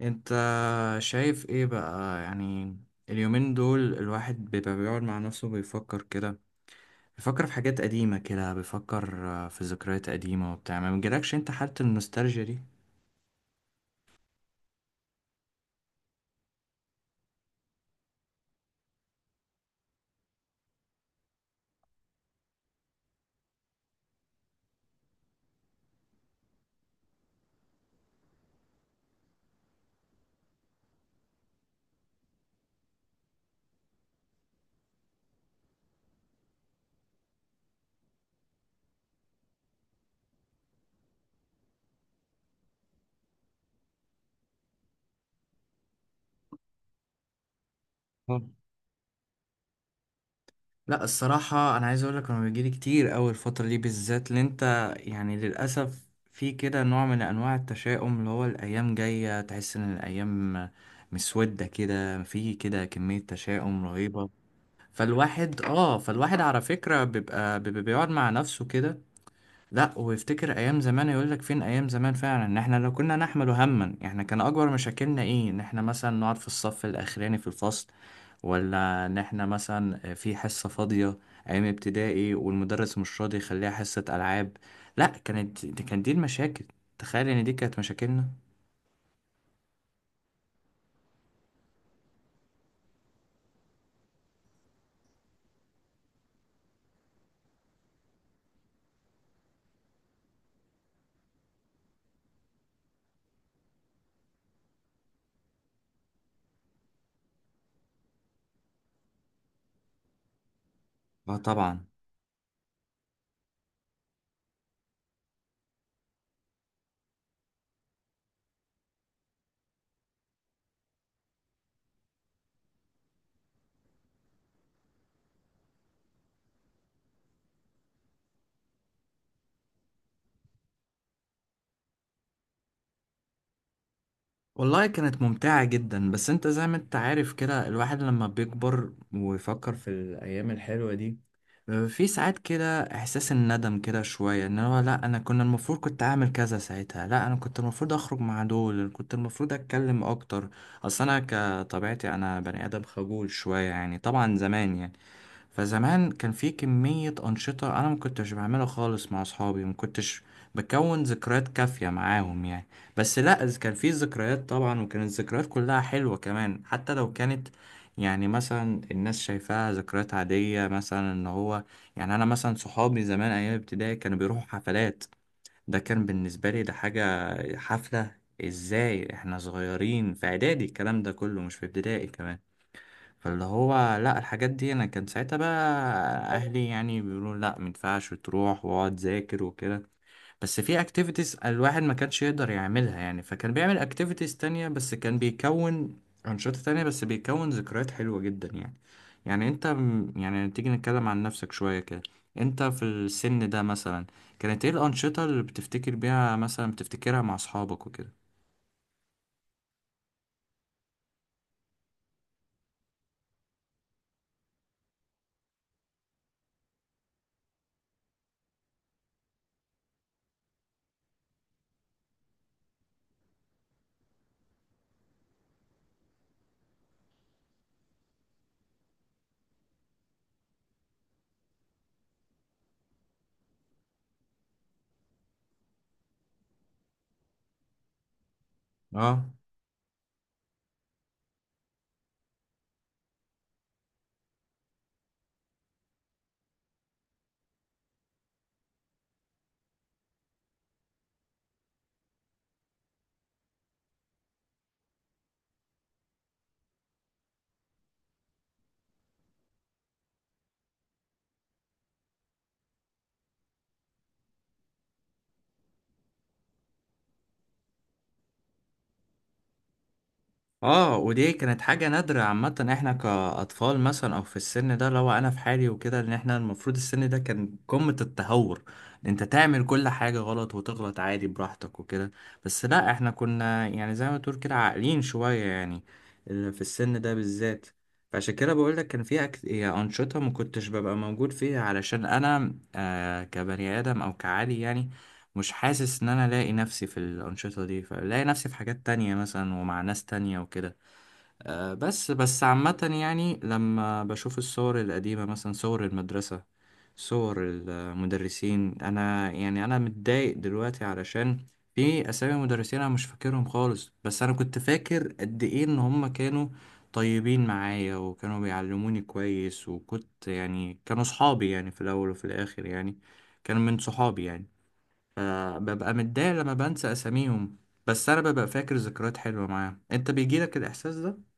انت شايف ايه بقى يعني؟ اليومين دول الواحد بيبقى بيقعد مع نفسه بيفكر كده، بيفكر في حاجات قديمة كده، بيفكر في ذكريات قديمة وبتاع. ما بيجيلكش انت حالة النوستالجيا دي؟ مم. لا الصراحة أنا عايز أقولك أنا بيجيلي كتير أوي الفترة دي بالذات، اللي أنت يعني للأسف في كده نوع من أنواع التشاؤم، اللي هو الأيام جاية تحس إن الأيام مسودة كده، في كده كمية تشاؤم رهيبة. فالواحد على فكرة بيبقى بيقعد مع نفسه كده، لا ويفتكر ايام زمان، يقول لك فين ايام زمان فعلا. ان احنا لو كنا نحمل هما، احنا كان اكبر مشاكلنا ايه؟ ان احنا مثلا نقعد في الصف الاخراني في الفصل، ولا ان احنا مثلا في حصة فاضية ايام ابتدائي والمدرس مش راضي يخليها حصة العاب. لا كانت دي المشاكل، تخيل ان دي كانت مشاكلنا. اه طبعا. والله كانت ممتعة جدا، بس انت زي ما انت عارف كده الواحد لما بيكبر ويفكر في الأيام الحلوة دي، في ساعات كده إحساس الندم كده شوية، ان هو لا أنا كنا المفروض كنت أعمل كذا ساعتها، لا أنا كنت المفروض أخرج مع دول، كنت المفروض أتكلم أكتر. أصل أنا كطبيعتي أنا بني آدم خجول شوية يعني، طبعا زمان يعني. فزمان كان في كمية أنشطة أنا ما كنتش بعملها خالص مع أصحابي، ما كنتش بكون ذكريات كافية معاهم يعني. بس لأ، إذ كان في ذكريات طبعا، وكانت الذكريات كلها حلوة كمان، حتى لو كانت يعني مثلا الناس شايفاها ذكريات عادية، مثلا إن هو يعني أنا مثلا صحابي زمان أيام ابتدائي كانوا بيروحوا حفلات. ده كان بالنسبة لي ده حاجة، حفلة إزاي إحنا صغيرين في إعدادي؟ الكلام ده كله مش في ابتدائي كمان. فاللي هو لا الحاجات دي انا كان ساعتها بقى اهلي يعني بيقولوا لا مينفعش تروح، واقعد ذاكر وكده. بس في اكتيفيتيز الواحد ما كانش يقدر يعملها يعني، فكان بيعمل اكتيفيتيز تانية، بس كان بيكون انشطة تانية، بس بيكون ذكريات حلوة جدا يعني. يعني انت يعني تيجي نتكلم عن نفسك شوية كده، انت في السن ده مثلا كانت ايه الانشطة اللي بتفتكر بيها مثلا، بتفتكرها مع اصحابك وكده؟ اه. اه ودي كانت حاجة نادرة. عامة احنا كأطفال مثلا او في السن ده، لو انا في حالي وكده، ان احنا المفروض السن ده كان قمة التهور، إن انت تعمل كل حاجة غلط وتغلط عادي براحتك وكده. بس لا احنا كنا يعني زي ما تقول كده عاقلين شوية يعني، في السن ده بالذات. فعشان كده بقول لك كان في يعني أنشطة ما كنتش ببقى موجود فيها، علشان أنا آه كبني آدم أو كعادي يعني مش حاسس إن أنا لاقي نفسي في الأنشطة دي، فلاقي نفسي في حاجات تانية مثلا ومع ناس تانية وكده. بس عامة يعني لما بشوف الصور القديمة مثلا، صور المدرسة، صور المدرسين، أنا يعني أنا متضايق دلوقتي علشان في أسامي مدرسين أنا مش فاكرهم خالص، بس أنا كنت فاكر قد إيه إن هما كانوا طيبين معايا، وكانوا بيعلموني كويس، وكنت يعني كانوا صحابي يعني في الأول وفي الآخر يعني، كانوا من صحابي يعني. فببقى متضايق لما بنسى أساميهم، بس أنا ببقى فاكر ذكريات حلوة معاهم. أنت بيجيلك الإحساس ده؟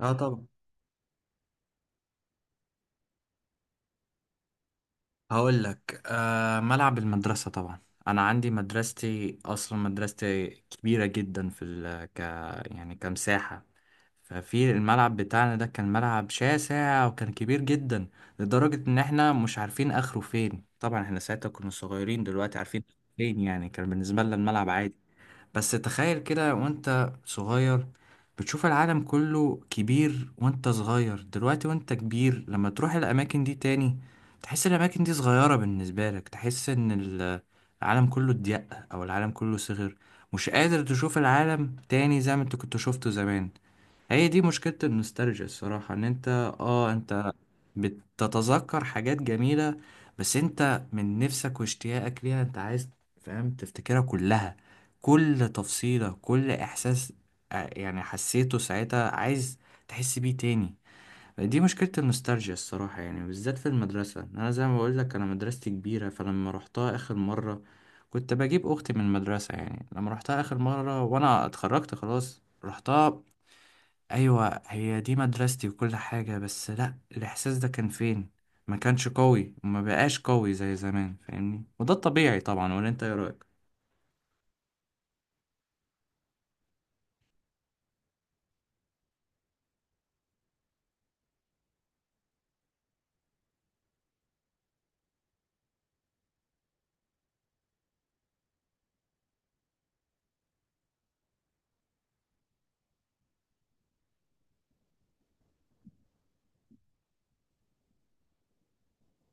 اه طبعا. هقول لك آه، ملعب المدرسة طبعا. انا عندي مدرستي اصلا مدرستي كبيرة جدا في ال ك، يعني كمساحة. ففي الملعب بتاعنا ده كان ملعب شاسع وكان كبير جدا، لدرجة ان احنا مش عارفين اخره فين. طبعا احنا ساعتها كنا صغيرين، دلوقتي عارفين فين يعني، كان بالنسبة لنا الملعب عادي. بس تخيل كده وانت صغير، بتشوف العالم كله كبير وانت صغير، دلوقتي وانت كبير لما تروح الأماكن دي تاني، تحس الأماكن دي صغيرة بالنسبة لك، تحس إن العالم كله ضيق، أو العالم كله صغير، مش قادر تشوف العالم تاني زي ما انت كنت شفته زمان. هي دي مشكلة النوستالجيا الصراحة، ان انت اه انت بتتذكر حاجات جميلة، بس انت من نفسك واشتياقك ليها انت عايز، فاهم، تفتكرها كلها، كل تفصيلة، كل احساس اه، يعني حسيته ساعتها، عايز تحس بيه تاني. دي مشكلة النوستالجيا الصراحة، يعني بالذات في المدرسة انا زي ما بقولك انا مدرستي كبيرة، فلما روحتها اخر مرة، كنت بجيب اختي من المدرسة يعني، لما روحتها اخر مرة وانا اتخرجت خلاص، رحتها، ايوه هي دي مدرستي وكل حاجة، بس لا الاحساس ده كان فين، ما كانش قوي وما بقاش قوي زي زمان، فاهمني؟ وده الطبيعي طبعا، ولا انت ايه رأيك؟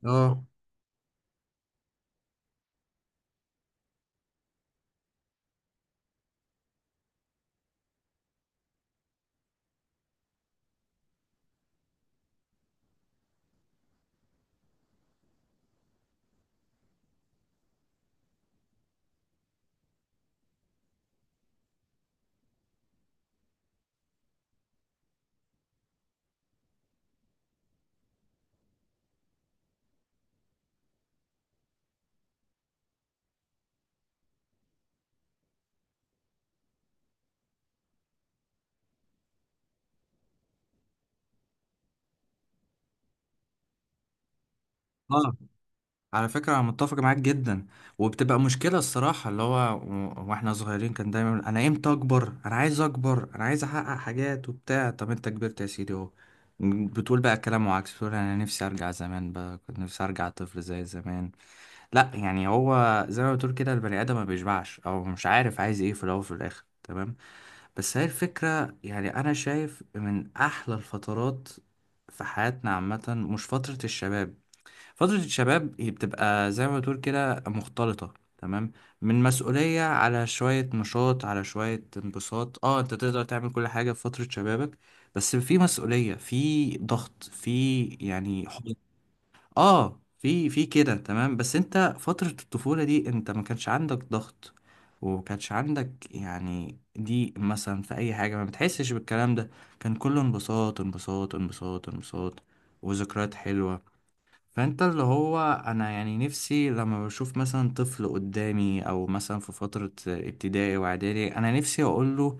اه. اه على فكرة انا متفق معاك جدا. وبتبقى مشكلة الصراحة، اللي هو واحنا صغيرين كان دايما يقول انا امتى اكبر، انا عايز اكبر، انا عايز احقق حاجات وبتاع، طب انت كبرت يا سيدي اهو، بتقول بقى كلام وعكس، بتقول انا نفسي ارجع زمان بقى، كنت نفسي ارجع طفل زي زمان. لا يعني هو زي ما بتقول كده البني ادم ما بيشبعش، او مش عارف عايز ايه في الاول وفي الاخر، تمام. بس هي الفكره، يعني انا شايف من احلى الفترات في حياتنا عامه، مش فتره الشباب. فتره الشباب هي بتبقى زي ما بتقول كده مختلطه، تمام، من مسؤوليه على شويه نشاط على شويه انبساط، اه انت تقدر تعمل كل حاجه في فتره شبابك، بس في مسؤوليه، في ضغط، في يعني. اه في في كده، تمام. بس انت فترة الطفولة دي انت ما كانش عندك ضغط، وما كانش عندك يعني ضيق مثلا في اي حاجة، ما بتحسش بالكلام ده، كان كله انبساط انبساط انبساط انبساط وذكريات حلوة. فانت اللي هو انا يعني نفسي لما بشوف مثلا طفل قدامي، او مثلا في فترة ابتدائي واعدادي، انا نفسي اقوله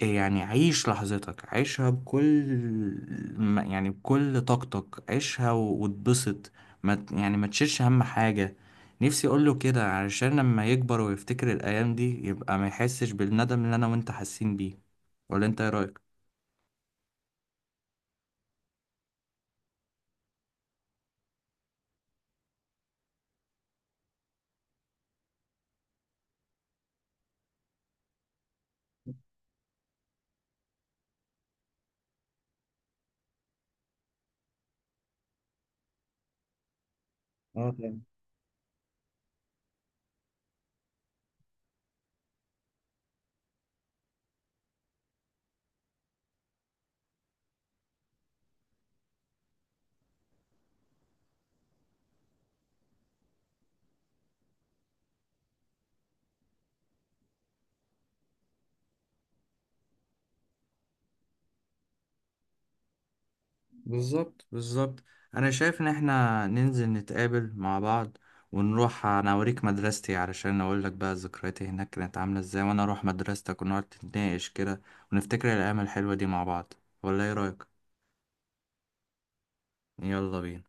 يعني عيش لحظتك، عيشها بكل يعني بكل طاقتك، عيشها واتبسط، ما ت- يعني ما تشيلش هم حاجة. نفسي اقوله كده علشان لما يكبر ويفتكر الايام دي يبقى ما يحسش بالندم اللي انا وانت حاسين بيه، ولا انت ايه رأيك؟ بالظبط بالظبط. انا شايف ان احنا ننزل نتقابل مع بعض، ونروح انا اوريك مدرستي علشان اقول لك بقى ذكرياتي هناك كانت عامله ازاي، وانا اروح مدرستك ونقعد نتناقش كده، ونفتكر الايام الحلوه دي مع بعض، ولا ايه رايك؟ يلا بينا.